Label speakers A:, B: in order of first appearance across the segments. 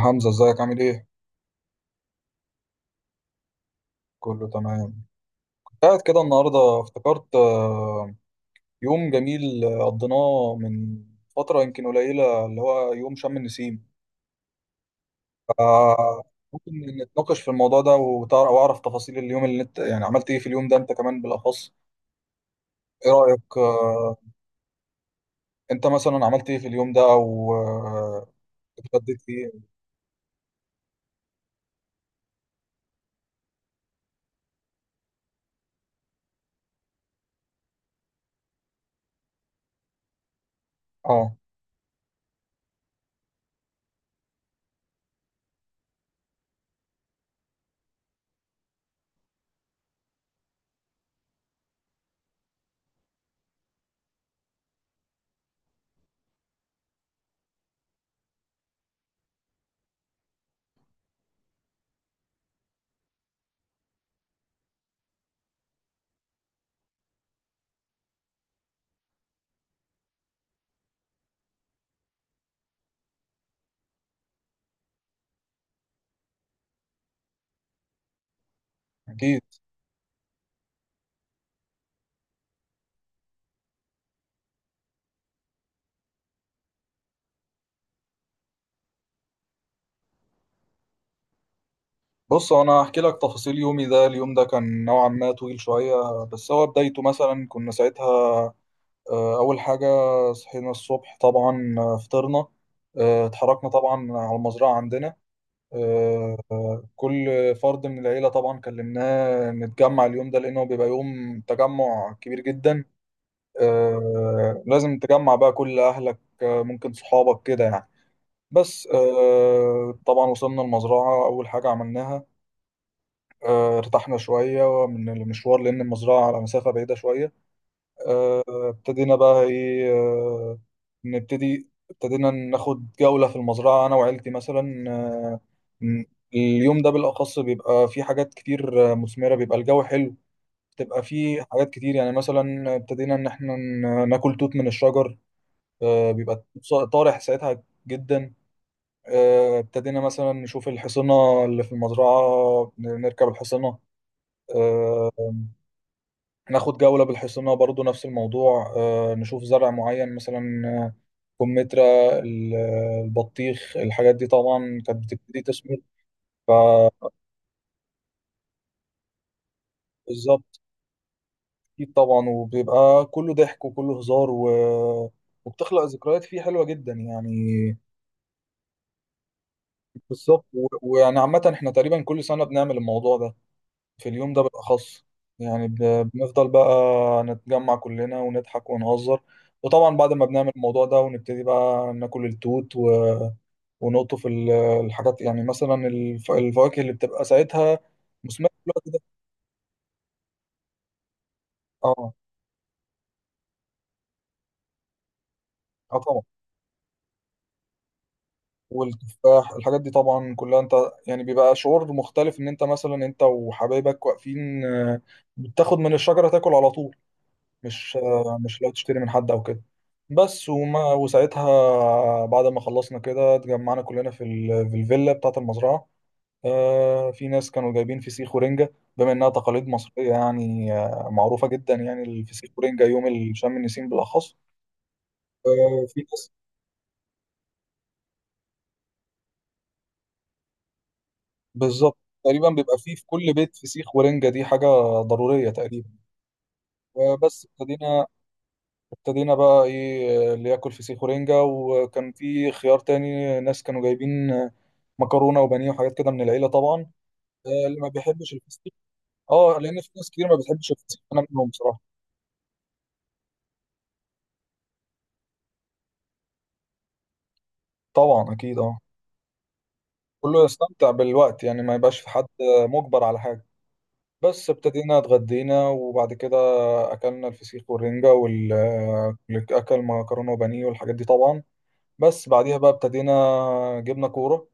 A: حمزة ازيك عامل ايه؟ كله تمام. كنت قاعد كده النهاردة افتكرت يوم جميل، آه، قضيناه من فترة يمكن قليلة اللي هو يوم شم النسيم. آه، ممكن نتناقش في الموضوع ده وتعرف واعرف تفاصيل اليوم اللي انت يعني عملت ايه في اليوم ده انت كمان بالأخص. ايه رأيك؟ انت مثلا عملت ايه في اليوم ده او اتغديت ايه؟ اه اكيد. بص انا هحكي لك تفاصيل يومي ده. اليوم ده كان نوعا ما طويل شوية، بس هو بدايته مثلا كنا ساعتها. أول حاجة صحينا الصبح طبعا، فطرنا، اتحركنا طبعا على المزرعة عندنا. آه، كل فرد من العيلة طبعا كلمناه نتجمع اليوم ده، لأنه بيبقى يوم تجمع كبير جدا. لازم تجمع بقى كل أهلك، ممكن صحابك كده يعني. بس طبعا وصلنا المزرعة، أول حاجة عملناها ارتحنا شوية من المشوار، لأن المزرعة على مسافة بعيدة شوية. آه، ابتدينا بقى ايه، آه، نبتدي ابتدينا ناخد جولة في المزرعة أنا وعيلتي مثلا. م- اليوم ده بالأخص بيبقى فيه حاجات كتير مثمرة، بيبقى الجو حلو، بتبقى فيه حاجات كتير. يعني مثلا ابتدينا إن احنا ناكل توت من الشجر. بيبقى التوت طارح ساعتها جدا. ابتدينا مثلا نشوف الحصنة اللي في المزرعة، نركب الحصنة، ناخد جولة بالحصنة برضو نفس الموضوع. نشوف زرع معين مثلا، كمثرى، ال- البطيخ. الحاجات دي طبعا كانت بتبتدي تسمر. فبالظبط، اكيد طبعا، وبيبقى كله ضحك وكله هزار، وبتخلق ذكريات فيه حلوة جدا يعني. بالظبط. ويعني عامة احنا تقريبا كل سنة بنعمل الموضوع ده في اليوم ده بالأخص. يعني بنفضل بقى نتجمع كلنا ونضحك ونهزر. وطبعا بعد ما بنعمل الموضوع ده ونبتدي بقى ناكل التوت ونقطف الحاجات، يعني مثلا الفواكه اللي بتبقى ساعتها مثمرة في الوقت ده. اه اه طبعا، والتفاح الحاجات دي طبعا كلها. انت يعني بيبقى شعور مختلف ان انت مثلا انت وحبايبك واقفين، آه، بتاخد من الشجرة تاكل على طول، مش مش لو تشتري من حد او كده. بس وما وساعتها بعد ما خلصنا كده اتجمعنا كلنا في في الفيلا بتاعة المزرعة. آه في ناس كانوا جايبين فسيخ ورنجة، بما انها تقاليد مصرية يعني آه معروفة جدا، يعني الفسيخ ورنجة يوم شم النسيم بالاخص. آه في ناس. بالظبط، تقريبا بيبقى فيه في كل بيت فسيخ ورنجة، دي حاجة ضرورية تقريبا. بس ابتدينا بقى ايه، اللي ياكل فسيخ ورنجة، وكان في خيار تاني ناس كانوا جايبين مكرونه وبانيه وحاجات كده من العيله طبعا. اللي ما بيحبش الفسيخ، اه لان في ناس كتير ما بتحبش الفسيخ، انا منهم بصراحه. طبعا اكيد، اه كله يستمتع بالوقت يعني، ما يبقاش في حد مجبر على حاجه. بس ابتدينا اتغدينا، وبعد كده اكلنا الفسيخ والرنجه وال آه، اكل مكرونه وبانيه والحاجات دي طبعا. بس بعديها بقى ابتدينا جبنا كوره،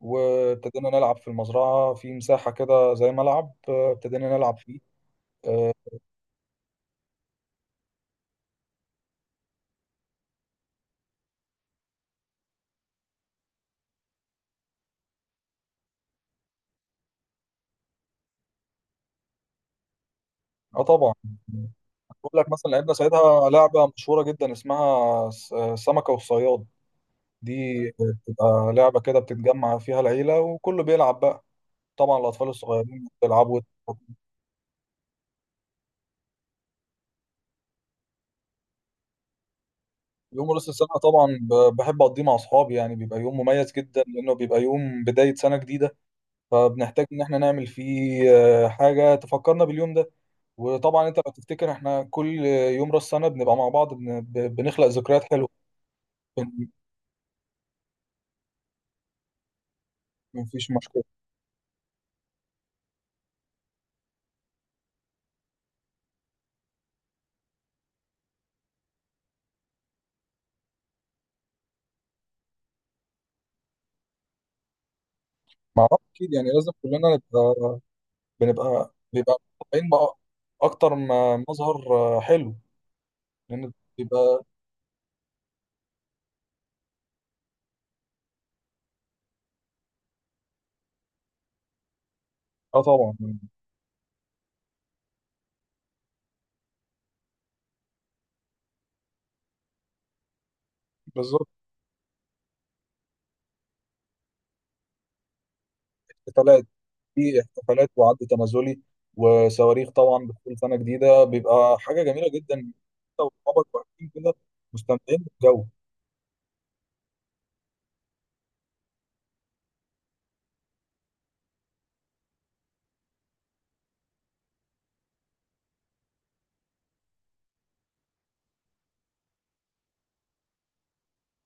A: وابتدينا نلعب في المزرعه في مساحه كده زي ملعب، ابتدينا نلعب فيه. اه، آه، طبعا. بقول لك مثلا لعبنا ساعتها لعبة مشهورة جدا اسمها سمكة والصياد دي، بتبقى لعبة كده بتتجمع فيها العيلة وكله بيلعب بقى، طبعا الأطفال الصغيرين بيلعبوا. يوم رأس السنة طبعا بحب أقضيه مع أصحابي يعني، بيبقى يوم مميز جدا لأنه بيبقى يوم بداية سنة جديدة. فبنحتاج إن إحنا نعمل فيه حاجة تفكرنا باليوم ده. وطبعا أنت لو تفتكر إحنا كل يوم رأس السنة بنبقى مع بعض، بنخلق ذكريات حلوة. بن- مفيش مشكلة. مع بعض أكيد، يعني لازم كلنا نبقى. بيبقى متطبعين بقى اكتر ما مظهر. حلو، لان بيبقى، اه طبعا. بالظبط، احتفالات، في احتفالات وعد تنازلي وصواريخ، طبعا بكل سنه جديده بيبقى حاجه جميله جدا. انت واصحابك واقفين كده مستمتعين بالجو.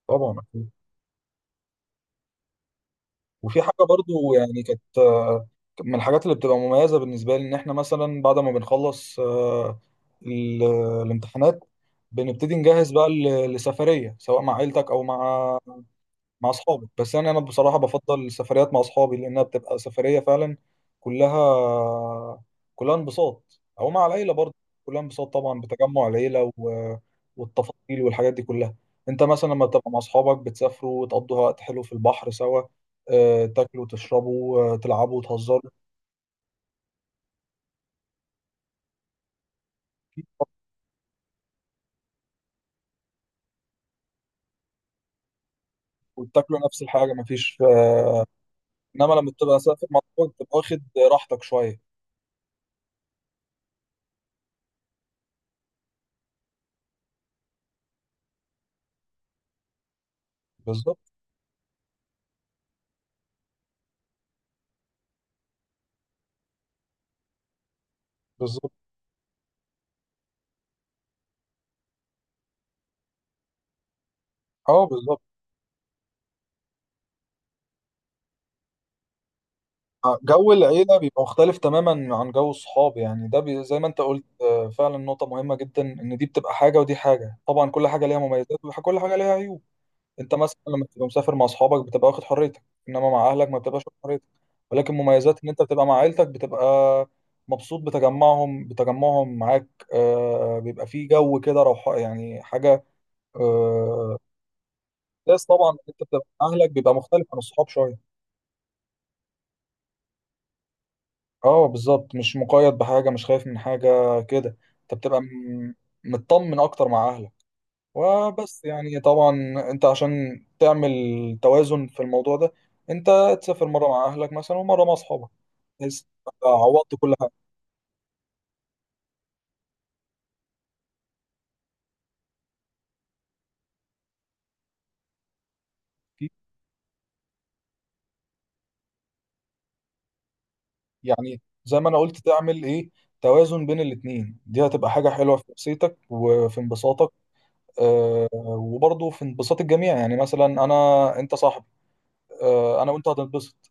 A: طبعا أكيد. وفي حاجه برضو يعني كانت، من الحاجات اللي بتبقى مميزه بالنسبه لي ان احنا مثلا بعد ما بنخلص، ال- الامتحانات بنبتدي نجهز بقى لسفريه، سواء مع عيلتك او مع، مع اصحابي. بس يعني انا بصراحه بفضل السفريات مع اصحابي لانها بتبقى سفريه فعلا كلها كلها انبساط، او مع العيله برضه كلها انبساط. طبعا بتجمع العيله والتفاصيل والحاجات دي كلها. انت مثلا لما تبقى مع اصحابك بتسافروا وتقضوا وقت حلو في البحر سوا، تاكلوا وتشربوا، تلعبوا وتهزروا، وتاكلوا نفس الحاجه مفيش. انما لما بتبقى مسافر مع اصحابك بتبقى واخد راحتك شويه. بالظبط، بالظبط، اه بالظبط. جو العيلة بيبقى مختلف تماما عن جو الصحاب، يعني ده بي زي ما انت قلت، فعلا نقطة مهمة جدا، ان دي بتبقى حاجة ودي حاجة، طبعا كل حاجة ليها مميزات وكل حاجة ليها عيوب. انت مثلا لما بتبقى مسافر مع اصحابك بتبقى واخد حريتك، انما مع اهلك ما بتبقاش واخد حريتك. ولكن مميزات ان انت بتبقى مع عيلتك بتبقى مبسوط، بتجمعهم معاك. بيبقى فيه جو كده روح، يعني حاجة. آه، بس طبعا انت بتبقى مع اهلك بيبقى مختلف عن الصحاب شوية. اه بالظبط، مش مقيد بحاجة، مش خايف من حاجة كده. انت بتبقى مطمن اكتر مع اهلك. وبس يعني طبعا انت عشان تعمل توازن في الموضوع ده، انت تسافر مرة مع اهلك مثلا ومرة مع اصحابك، بحيث تبقى عوضت كل حاجة. يعني زي ما انا قلت تعمل ايه، توازن بين الاتنين، دي هتبقى حاجة حلوة في نفسيتك وفي انبساطك. آه وبرضه في انبساط الجميع، يعني مثلا انا انت صاحبي، آه انا وانت هتنبسط،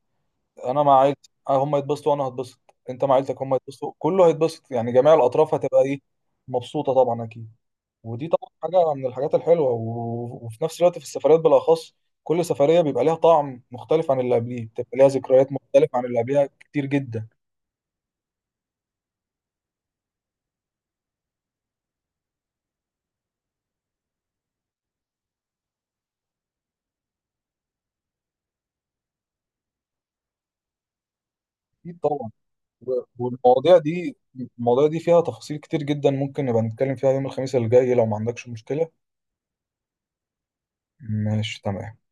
A: انا مع عيلتي هم يتبسطوا وانا هتبسط، انت مع عيلتك هم يتبسطوا، كله هيتبسط، يعني جميع الاطراف هتبقى ايه، مبسوطه طبعا اكيد. ودي طبعا حاجه من الحاجات الحلوه. وفي نفس الوقت في السفريات بالاخص، كل سفريه بيبقى ليها طعم مختلف عن اللي قبليه، بتبقى ليها ذكريات مختلفه عن اللي قبلها كتير جدا. اكيد طبعا. و... والمواضيع دي المواضيع دي فيها تفاصيل كتير جدا، ممكن نبقى نتكلم فيها يوم الخميس اللي جاي لو ما عندكش مشكله. ماشي تمام.